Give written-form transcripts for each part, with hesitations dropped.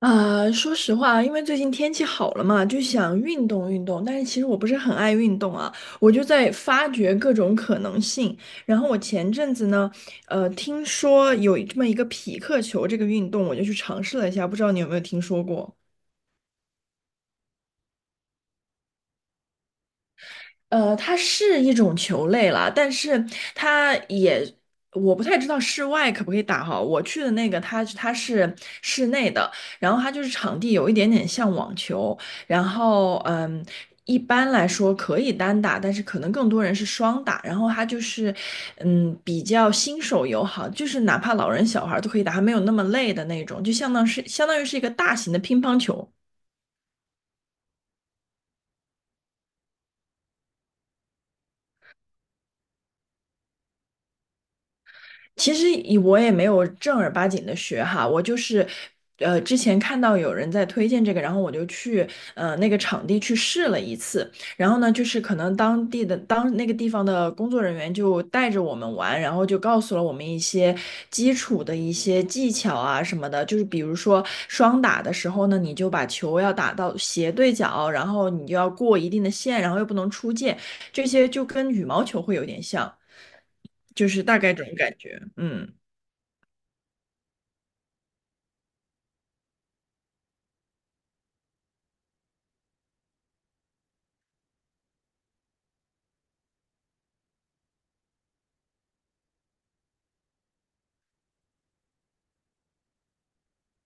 啊，说实话，因为最近天气好了嘛，就想运动运动。但是其实我不是很爱运动啊，我就在发掘各种可能性。然后我前阵子呢，听说有这么一个匹克球这个运动，我就去尝试了一下，不知道你有没有听说过？呃，它是一种球类啦，但是它也，我不太知道室外可不可以打哈。我去的那个，它是室内的，然后它就是场地有一点点像网球，然后一般来说可以单打，但是可能更多人是双打。然后它就是比较新手友好，就是哪怕老人小孩儿都可以打，还没有那么累的那种，就相当于是一个大型的乒乓球。其实以我也没有正儿八经的学哈，我就是，呃，之前看到有人在推荐这个，然后我就去呃那个场地去试了一次，然后呢，就是可能当那个地方的工作人员就带着我们玩，然后就告诉了我们一些基础的一些技巧啊什么的，就是比如说双打的时候呢，你就把球要打到斜对角，然后你就要过一定的线，然后又不能出界，这些就跟羽毛球会有点像，就是大概这种感觉，嗯。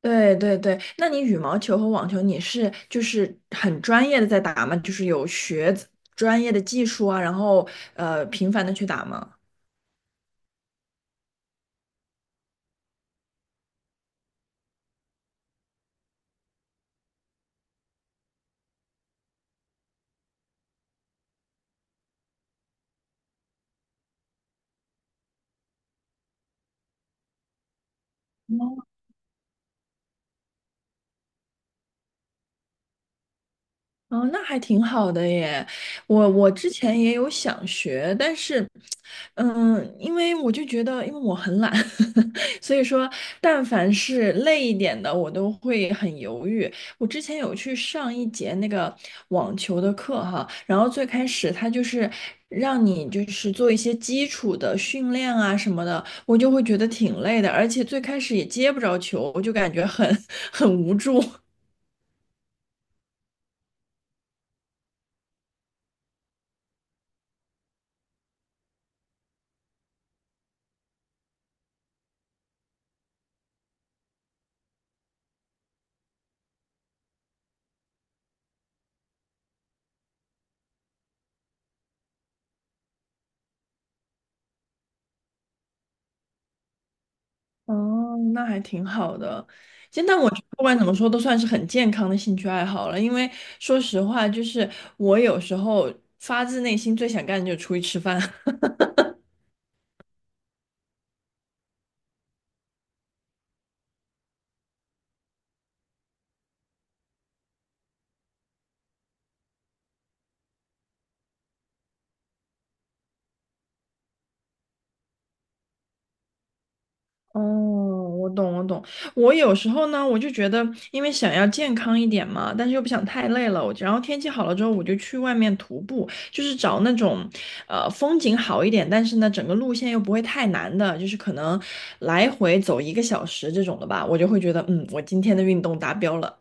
对对对，那你羽毛球和网球，你是就是很专业的在打吗？就是有学专业的技术啊，然后呃频繁的去打吗？哦，那还挺好的耶。我之前也有想学，但是，嗯，因为我就觉得，因为我很懒，所以说，但凡是累一点的，我都会很犹豫。我之前有去上一节那个网球的课哈，然后最开始他就是让你就是做一些基础的训练啊什么的，我就会觉得挺累的，而且最开始也接不着球，我就感觉很 很无助。哦，那还挺好的。现在我觉得不管怎么说，都算是很健康的兴趣爱好了。因为说实话，就是我有时候发自内心最想干的就是出去吃饭。哦，我懂，我懂。我有时候呢，我就觉得，因为想要健康一点嘛，但是又不想太累了，我然后天气好了之后，我就去外面徒步，就是找那种，呃，风景好一点，但是呢，整个路线又不会太难的，就是可能来回走一个小时这种的吧，我就会觉得，嗯，我今天的运动达标了。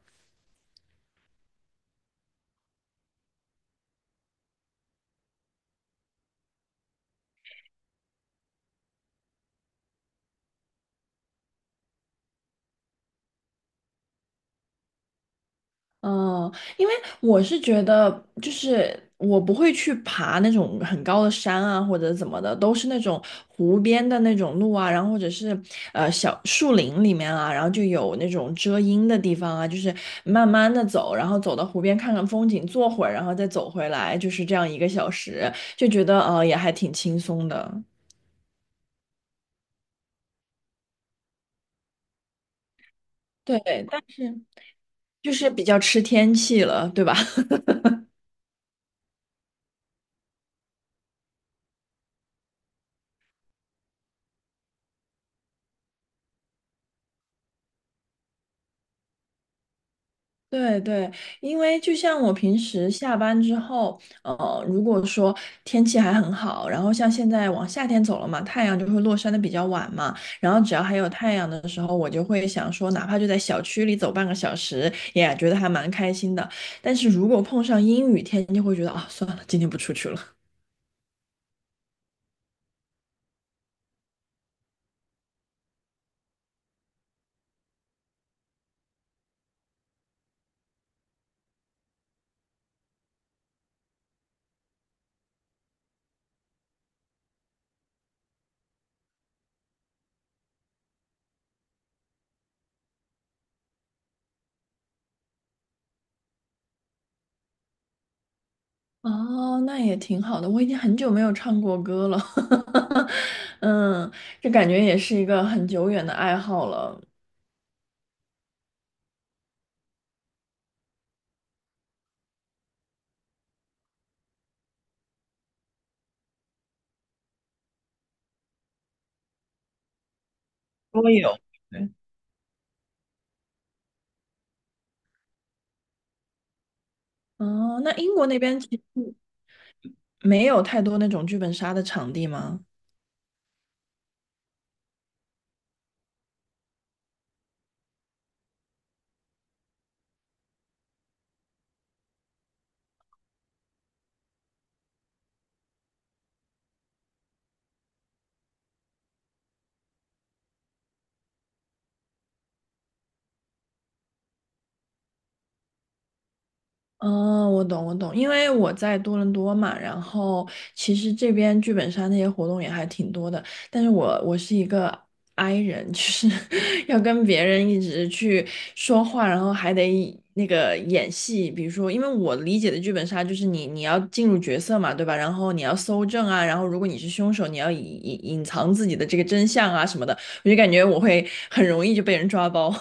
嗯，因为我是觉得，就是我不会去爬那种很高的山啊，或者怎么的，都是那种湖边的那种路啊，然后或者是呃小树林里面啊，然后就有那种遮阴的地方啊，就是慢慢的走，然后走到湖边看看风景，坐会儿，然后再走回来，就是这样一个小时，就觉得呃也还挺轻松的。对，但是就是比较吃天气了，对吧？对对，因为就像我平时下班之后，呃，如果说天气还很好，然后像现在往夏天走了嘛，太阳就会落山的比较晚嘛，然后只要还有太阳的时候，我就会想说，哪怕就在小区里走半个小时，也觉得还蛮开心的。但是如果碰上阴雨天，就会觉得啊，算了，今天不出去了。哦，那也挺好的，我已经很久没有唱过歌了，嗯，这感觉也是一个很久远的爱好了。我有。哦，那英国那边其实没有太多那种剧本杀的场地吗？哦，我懂，我懂，因为我在多伦多嘛，然后其实这边剧本杀那些活动也还挺多的，但是我是一个 i 人，就是 要跟别人一直去说话，然后还得那个演戏，比如说，因为我理解的剧本杀就是你要进入角色嘛，对吧？然后你要搜证啊，然后如果你是凶手，你要隐藏自己的这个真相啊什么的，我就感觉我会很容易就被人抓包。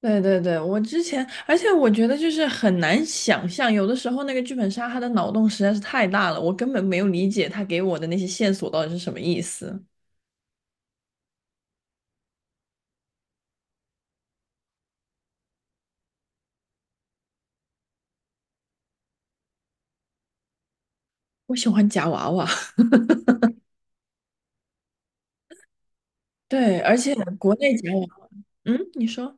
对对对，我之前，而且我觉得就是很难想象，有的时候那个剧本杀他的脑洞实在是太大了，我根本没有理解他给我的那些线索到底是什么意思。我喜欢夹娃娃，对，而且国内夹娃，嗯，你说。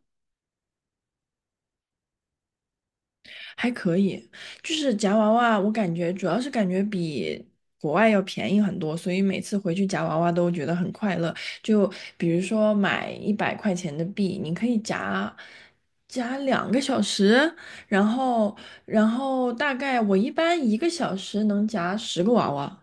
还可以，就是夹娃娃，我感觉主要是感觉比国外要便宜很多，所以每次回去夹娃娃都觉得很快乐。就比如说买100块钱的币，你可以夹2个小时，然后然后大概我一般一个小时能夹10个娃娃。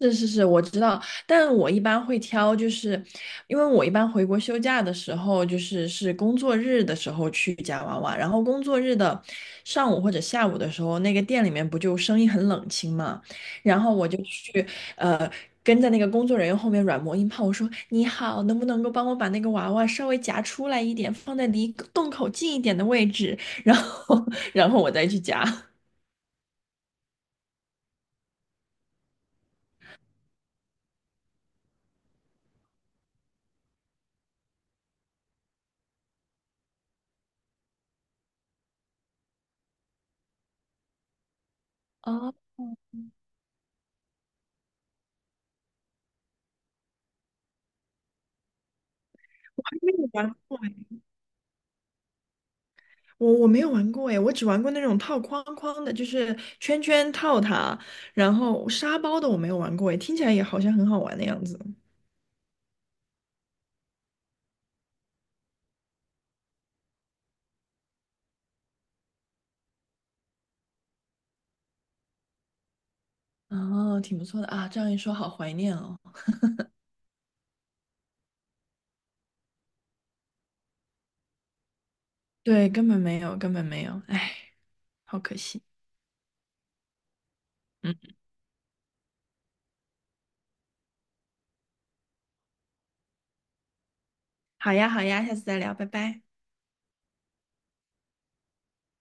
是是是，我知道，但我一般会挑，就是因为我一般回国休假的时候，就是是工作日的时候去夹娃娃，然后工作日的上午或者下午的时候，那个店里面不就生意很冷清嘛，然后我就去呃跟在那个工作人员后面软磨硬泡，我说你好，能不能够帮我把那个娃娃稍微夹出来一点，放在离洞口近一点的位置，然后 然后我再去夹。哦，我还没有夹过我没有玩过诶，我只玩过那种套框框的，就是圈圈套它，然后沙包的我没有玩过诶，听起来也好像很好玩的样子。哦，挺不错的啊，这样一说，好怀念哦。对，根本没有，根本没有，哎，好可惜。嗯，好呀，好呀，下次再聊，拜拜。